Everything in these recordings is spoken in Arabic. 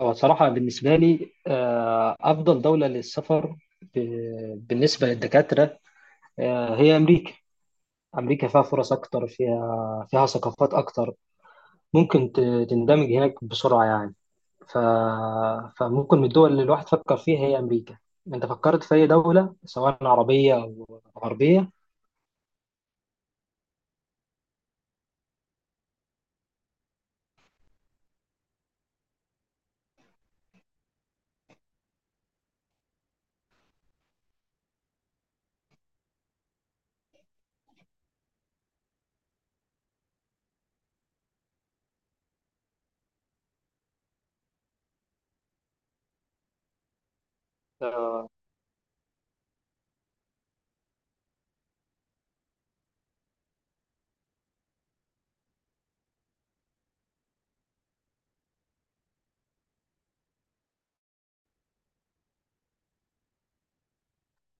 هو صراحة بالنسبة لي أفضل دولة للسفر بالنسبة للدكاترة هي أمريكا. أمريكا فيها فرص أكتر، فيها ثقافات أكتر. ممكن تندمج هناك بسرعة يعني. ف... فممكن من الدول اللي الواحد فكر فيها هي أمريكا. أنت فكرت في أي دولة سواء عربية أو غربية؟ آه،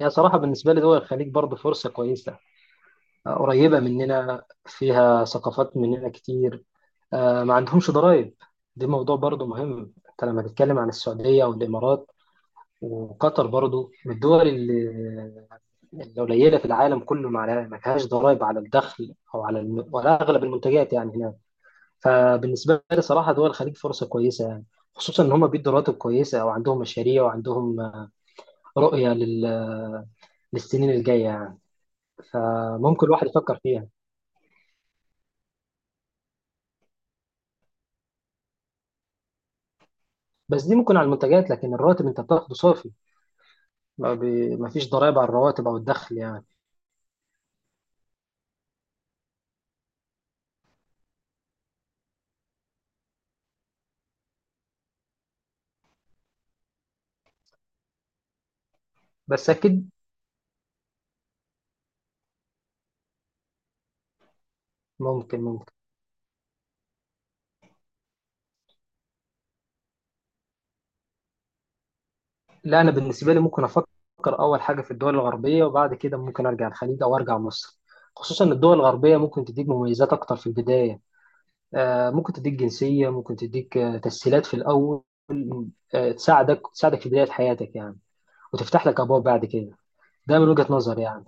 هي صراحة بالنسبة لي دول الخليج برضه فرصة كويسة. قريبة مننا، فيها ثقافات مننا كتير. ما عندهمش ضرائب. دي موضوع برضو مهم، انت لما تتكلم عن السعودية والإمارات وقطر برضو من الدول اللي قليلة في العالم كله، ما فيهاش ضرائب على الدخل أو على ولا أغلب المنتجات يعني هناك. فبالنسبة لي صراحة دول الخليج فرصة كويسة يعني، خصوصا إن هم بيدوا رواتب كويسة وعندهم مشاريع وعندهم رؤية للسنين الجاية يعني. فممكن الواحد يفكر فيها. بس دي ممكن على المنتجات، لكن الراتب أنت بتاخده صافي. ما فيش ضرائب على الرواتب أو الدخل يعني. بس أكيد. ممكن. لا، انا بالنسبه لي ممكن افكر اول حاجه في الدول الغربيه، وبعد كده ممكن ارجع الخليج او ارجع مصر. خصوصا ان الدول الغربيه ممكن تديك مميزات اكتر في البدايه. ممكن تديك جنسيه، ممكن تديك تسهيلات في الاول. تساعدك في بدايه حياتك يعني، وتفتح لك ابواب بعد كده. ده من وجهه نظري يعني.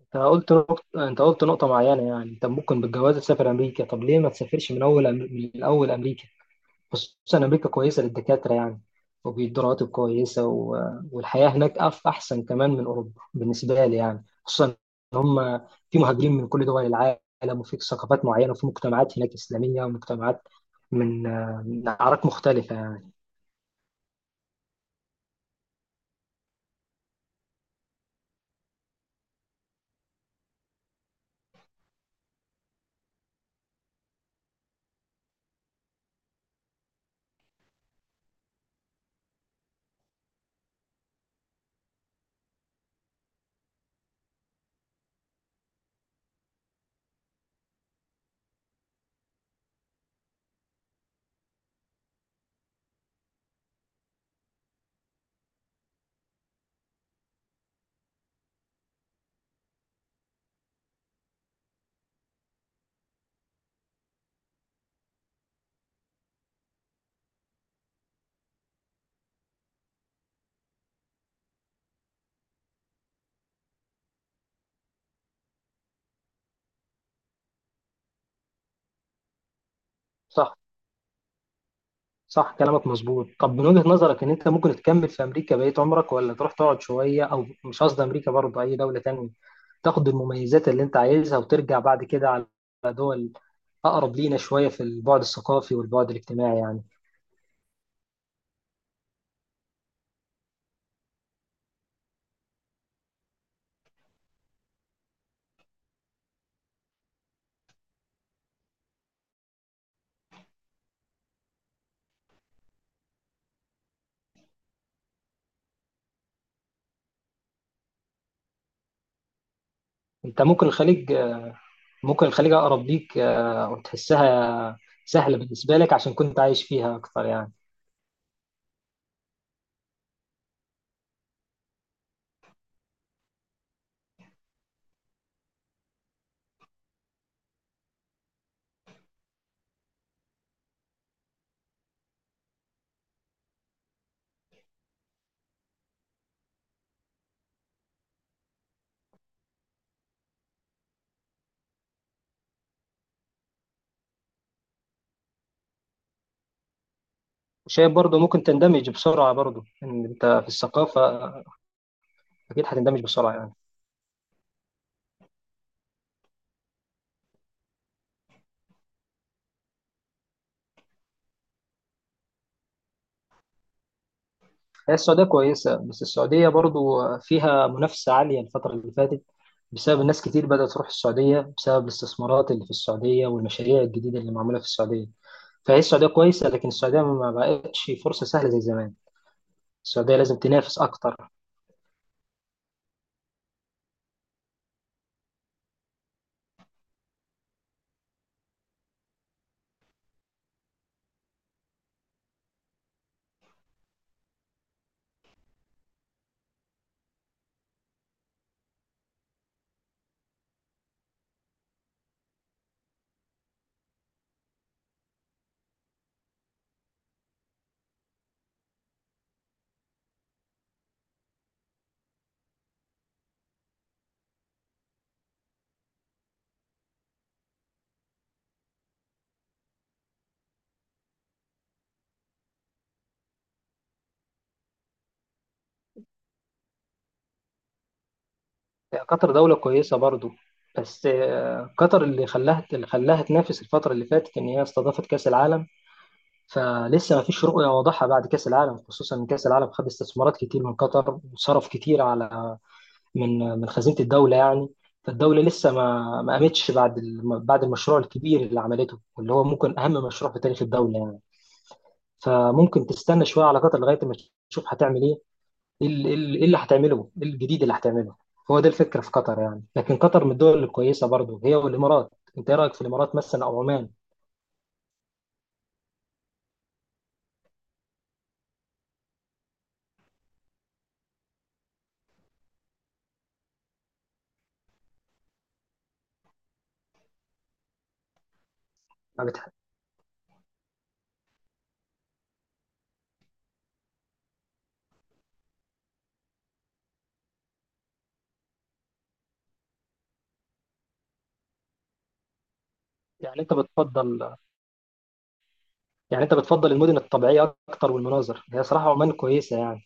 انت قلت نقطة، انت قلت نقطه معينه يعني انت ممكن بالجواز تسافر امريكا، طب ليه ما تسافرش من اول من الاول امريكا؟ خصوصا أمريكا كويسة للدكاترة يعني، وبيدوا رواتب كويسة والحياة هناك أحسن كمان من أوروبا بالنسبة لي يعني، خصوصا إن هم في مهاجرين من كل دول العالم، وفي ثقافات معينة، وفي مجتمعات هناك إسلامية ومجتمعات من من أعراق مختلفة يعني. صح. صح كلامك مظبوط. طب من وجهة نظرك إن أنت ممكن تكمل في أمريكا بقية عمرك، ولا تروح تقعد شوية؟ أو مش قصدي أمريكا، برضه أي دولة تانية، تاخد المميزات اللي أنت عايزها وترجع بعد كده على دول اقرب لينا شويه في البعد الثقافي والبعد الاجتماعي يعني. انت ممكن الخليج، اقرب ليك وتحسها سهله بالنسبه لك عشان كنت عايش فيها اكتر يعني. وشايف برضه ممكن تندمج بسرعه، برضه ان انت في الثقافه اكيد هتندمج بسرعه يعني. هي السعوديه كويسه، بس السعوديه برضه فيها منافسه عاليه الفتره اللي فاتت بسبب الناس كتير بدأت تروح السعودية بسبب الاستثمارات اللي في السعودية والمشاريع الجديدة اللي معمولة في السعودية. فهي السعودية كويسة، لكن السعودية ما بقتش فرصة سهلة زي زمان. السعودية لازم تنافس أكتر. قطر دولة كويسة برضو، بس قطر اللي خلاها تنافس الفترة اللي فاتت إن هي استضافت كأس العالم. فلسه ما فيش رؤية واضحة بعد كأس العالم، خصوصا إن كأس العالم خد استثمارات كتير من قطر وصرف كتير على من من خزينة الدولة يعني. فالدولة لسه ما قامتش بعد بعد المشروع الكبير اللي عملته، واللي هو ممكن أهم مشروع في تاريخ الدولة يعني. فممكن تستنى شوية على قطر لغاية ما تشوف هتعمل إيه. ايه ال- إيه ال- إيه اللي هتعمله، ايه الجديد اللي هتعمله. هو ده الفكره في قطر يعني، لكن قطر من الدول الكويسه برضو هي والامارات. انت ايه رايك في الامارات مثلا او عمان؟ ما بتح- يعني انت بتفضل، المدن الطبيعيه اكتر والمناظر. هي صراحه عمان كويسه يعني،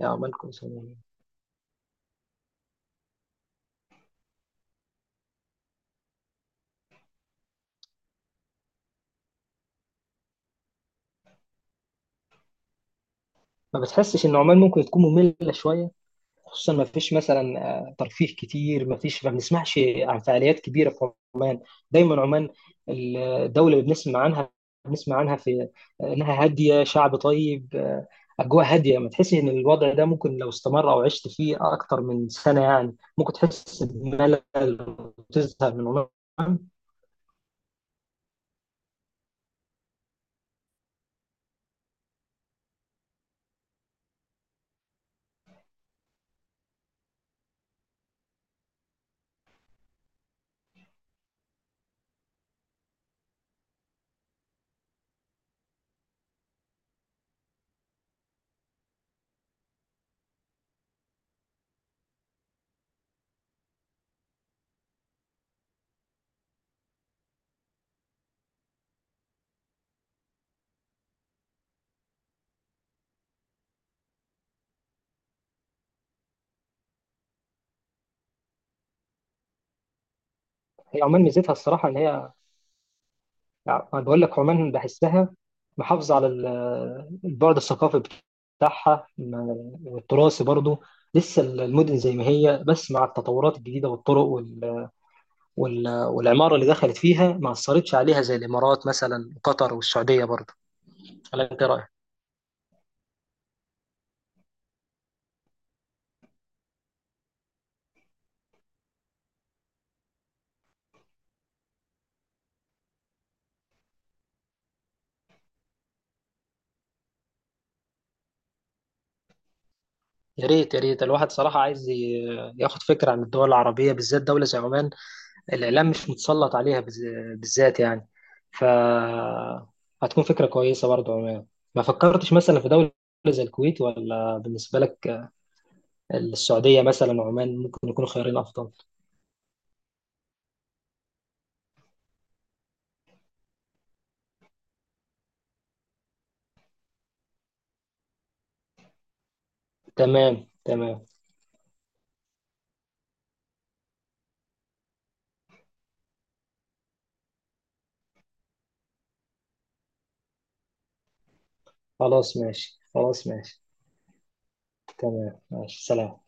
عمان كويسه يعني. ما بتحسش ان عمان ممكن تكون ممله شويه؟ خصوصا ما فيش مثلا ترفيه كتير، ما فيش، ما بنسمعش عن فعاليات كبيره في عمان. الدولة اللي بنسمع عنها، بنسمع عنها في إنها هادية، شعب طيب، أجواء هادية. ما تحسي إن الوضع ده ممكن لو استمر أو عشت فيه أكتر من سنة يعني ممكن تحس بملل وتزهق من عمان؟ هي عمان ميزتها الصراحة إن هي، يعني أنا بقول لك عمان بحسها محافظة على البعد الثقافي بتاعها والتراثي برضه. لسه المدن زي ما هي، بس مع التطورات الجديدة والطرق والعمارة اللي دخلت فيها ما أثرتش عليها زي الإمارات مثلا وقطر والسعودية برضه. ولا أنت إيه رأيك؟ يا ريت، يا ريت. الواحد صراحة عايز ياخد فكرة عن الدول العربية، بالذات دولة زي عمان. الإعلام مش متسلط عليها بالذات يعني. ف هتكون فكرة كويسة برضه عمان. ما فكرتش مثلا في دولة زي الكويت؟ ولا بالنسبة لك السعودية مثلا وعمان ممكن يكونوا خيارين أفضل؟ تمام. خلاص ماشي. تمام ماشي، سلام.